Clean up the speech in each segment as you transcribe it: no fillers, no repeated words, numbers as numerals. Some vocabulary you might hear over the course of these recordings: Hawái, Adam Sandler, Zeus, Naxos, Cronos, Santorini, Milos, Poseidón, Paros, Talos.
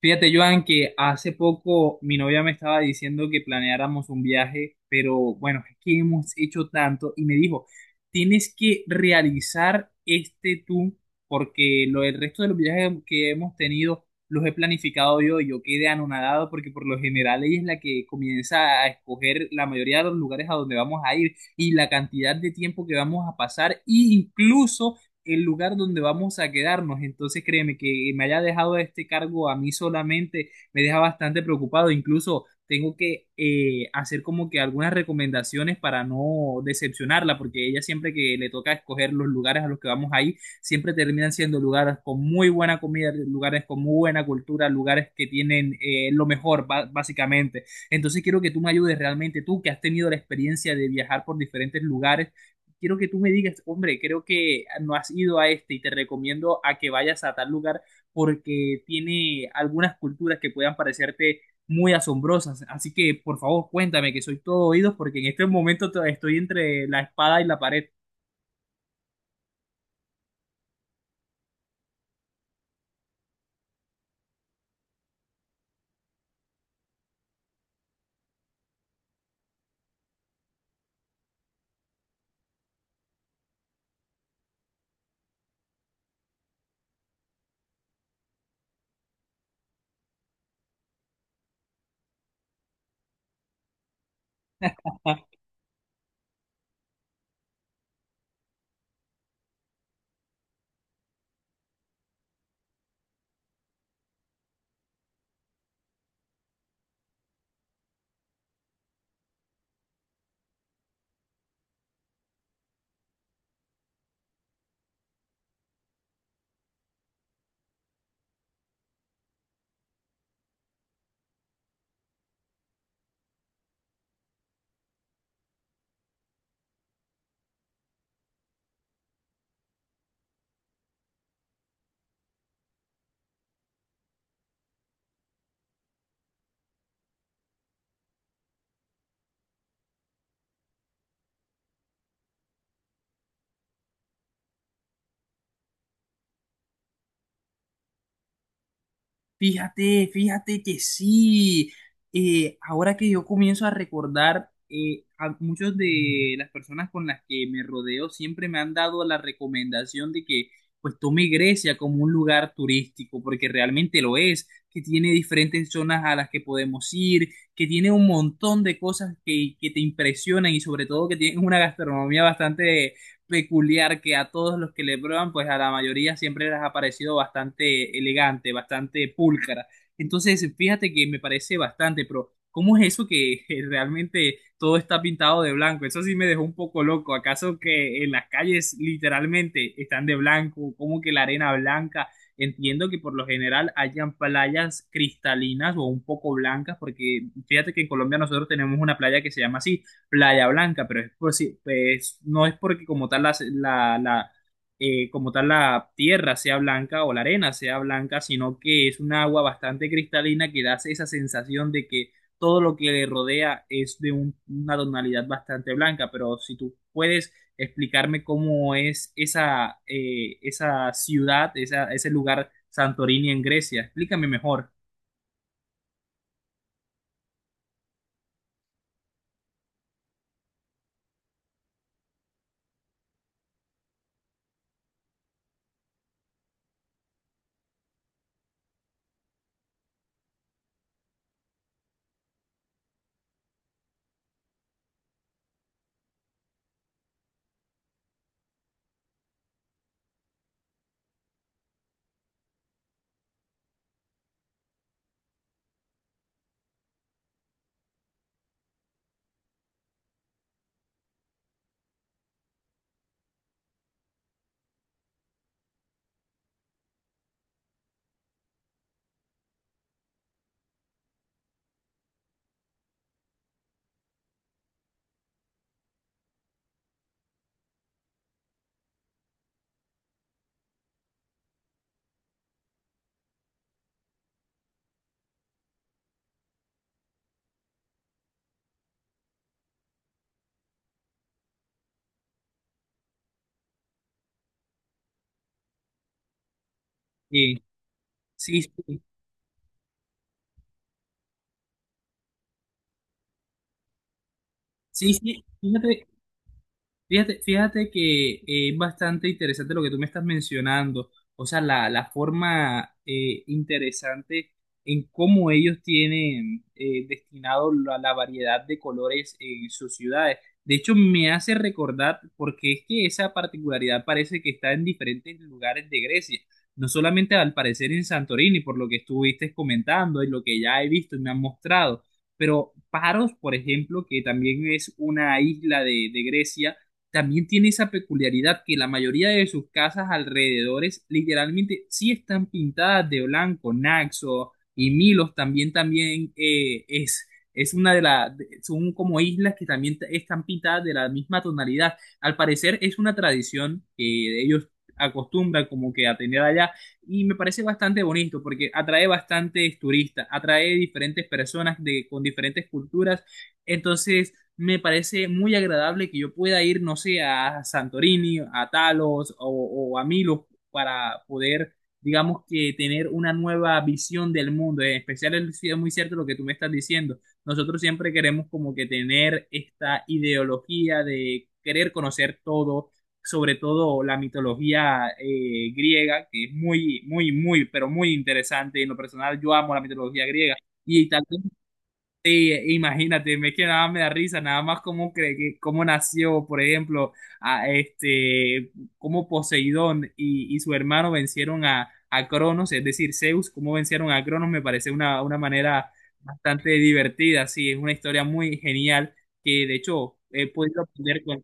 Fíjate, Joan, que hace poco mi novia me estaba diciendo que planeáramos un viaje, pero bueno, es que hemos hecho tanto y me dijo, tienes que realizar este tú, porque lo, el resto de los viajes que hemos tenido los he planificado yo y yo quedé anonadado porque por lo general ella es la que comienza a escoger la mayoría de los lugares a donde vamos a ir y la cantidad de tiempo que vamos a pasar e incluso el lugar donde vamos a quedarnos. Entonces, créeme que me haya dejado este cargo a mí solamente me deja bastante preocupado. Incluso tengo que hacer como que algunas recomendaciones para no decepcionarla, porque ella siempre que le toca escoger los lugares a los que vamos ahí, siempre terminan siendo lugares con muy buena comida, lugares con muy buena cultura, lugares que tienen lo mejor, básicamente. Entonces, quiero que tú me ayudes realmente, tú que has tenido la experiencia de viajar por diferentes lugares, quiero que tú me digas, hombre, creo que no has ido a este y te recomiendo a que vayas a tal lugar porque tiene algunas culturas que puedan parecerte muy asombrosas. Así que, por favor, cuéntame que soy todo oídos porque en este momento estoy entre la espada y la pared. Fíjate, fíjate que sí. Ahora que yo comienzo a recordar, a muchas de las personas con las que me rodeo siempre me han dado la recomendación de que pues tome Grecia como un lugar turístico, porque realmente lo es, que tiene diferentes zonas a las que podemos ir, que tiene un montón de cosas que te impresionan y sobre todo que tiene una gastronomía bastante peculiar que a todos los que le prueban, pues a la mayoría siempre les ha parecido bastante elegante, bastante pulcra. Entonces, fíjate que me parece bastante, pero ¿cómo es eso que realmente todo está pintado de blanco? Eso sí me dejó un poco loco. ¿Acaso que en las calles literalmente están de blanco? ¿Cómo que la arena blanca? Entiendo que por lo general hayan playas cristalinas o un poco blancas, porque fíjate que en Colombia nosotros tenemos una playa que se llama así Playa Blanca, pero es por si- pues, no es porque como tal como tal la tierra sea blanca o la arena sea blanca, sino que es un agua bastante cristalina que da esa sensación de que todo lo que le rodea es de una tonalidad bastante blanca, pero si tú puedes explicarme cómo es esa, esa ciudad, ese lugar Santorini en Grecia, explícame mejor. Eh, sí, sí, sí, fíjate, fíjate que es bastante interesante lo que tú me estás mencionando, o sea, la forma interesante en cómo ellos tienen destinado la variedad de colores en sus ciudades. De hecho, me hace recordar, porque es que esa particularidad parece que está en diferentes lugares de Grecia, no solamente al parecer en Santorini, por lo que estuviste comentando y lo que ya he visto y me han mostrado, pero Paros, por ejemplo, que también es una isla de Grecia, también tiene esa peculiaridad que la mayoría de sus casas alrededores literalmente sí están pintadas de blanco. Naxos y Milos también, también es una de las, son como islas que están pintadas de la misma tonalidad. Al parecer es una tradición que ellos acostumbran como que a tener allá y me parece bastante bonito porque atrae bastantes turistas, atrae diferentes personas de, con diferentes culturas. Entonces me parece muy agradable que yo pueda ir, no sé, a Santorini, a Talos o a Milos para poder, digamos que tener una nueva visión del mundo. En especial es muy cierto lo que tú me estás diciendo. Nosotros siempre queremos como que tener esta ideología de querer conocer todo, sobre todo la mitología griega, que es muy, muy, muy, pero muy interesante. En lo personal, yo amo la mitología griega. Y tal vez sí, imagínate, es que nada me da risa, nada más cómo, cómo nació, por ejemplo, a este, cómo Poseidón y su hermano vencieron a Cronos, es decir, Zeus, cómo vencieron a Cronos, me parece una manera bastante divertida, sí, es una historia muy genial que de hecho he podido aprender con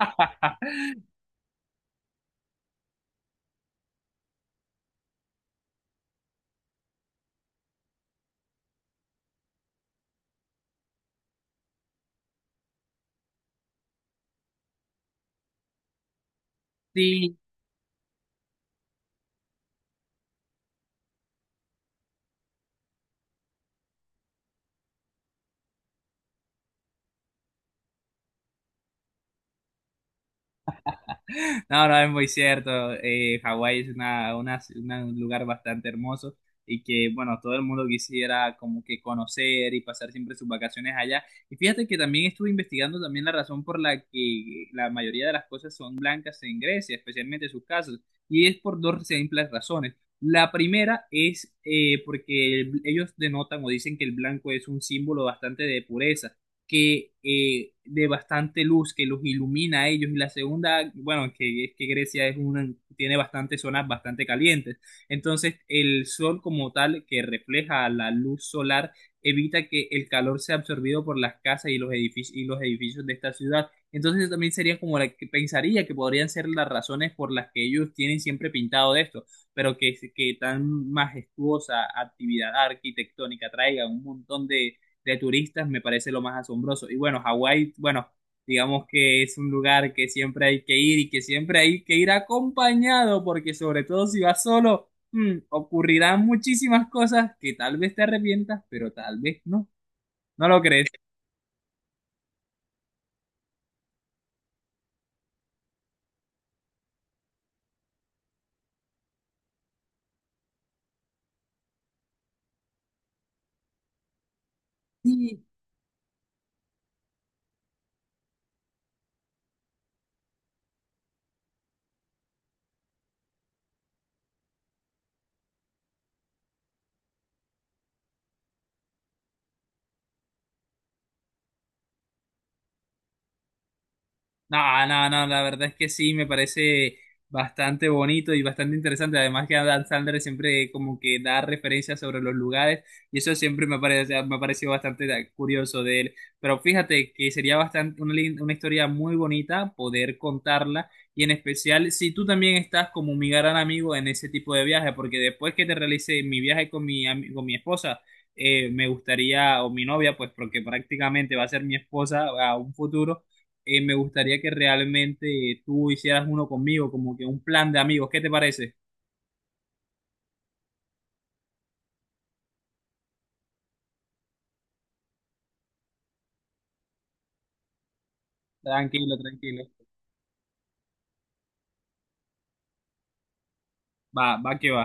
Sí. No, no, es muy cierto. Hawái es un lugar bastante hermoso y que, bueno, todo el mundo quisiera como que conocer y pasar siempre sus vacaciones allá. Y fíjate que también estuve investigando también la razón por la que la mayoría de las cosas son blancas en Grecia, especialmente sus casas, y es por dos simples razones. La primera es ellos denotan o dicen que el blanco es un símbolo bastante de pureza que de bastante luz que los ilumina a ellos y la segunda, bueno, que es que Grecia es una, tiene bastantes zonas bastante calientes. Entonces, el sol como tal que refleja la luz solar evita que el calor sea absorbido por las casas y los edificios de esta ciudad. Entonces, eso también sería como la que pensaría que podrían ser las razones por las que ellos tienen siempre pintado de esto, pero que tan majestuosa actividad arquitectónica traiga un montón de turistas me parece lo más asombroso. Y bueno, Hawái, bueno, digamos que es un lugar que siempre hay que ir y que siempre hay que ir acompañado, porque sobre todo si vas solo, ocurrirán muchísimas cosas que tal vez te arrepientas, pero tal vez no. ¿No lo crees? No, no, no, la verdad es que sí, me parece bastante bonito y bastante interesante. Además que Adam Sandler siempre como que da referencias sobre los lugares y eso siempre me parece, me ha parecido bastante curioso de él. Pero fíjate que sería bastante una, una historia muy bonita poder contarla y en especial si tú también estás como mi gran amigo en ese tipo de viaje, porque después que te realice mi viaje con con mi esposa, me gustaría, o mi novia, pues porque prácticamente va a ser mi esposa a un futuro, me gustaría que realmente tú hicieras uno conmigo, como que un plan de amigos. ¿Qué te parece? Tranquilo, tranquilo. Va, va que va.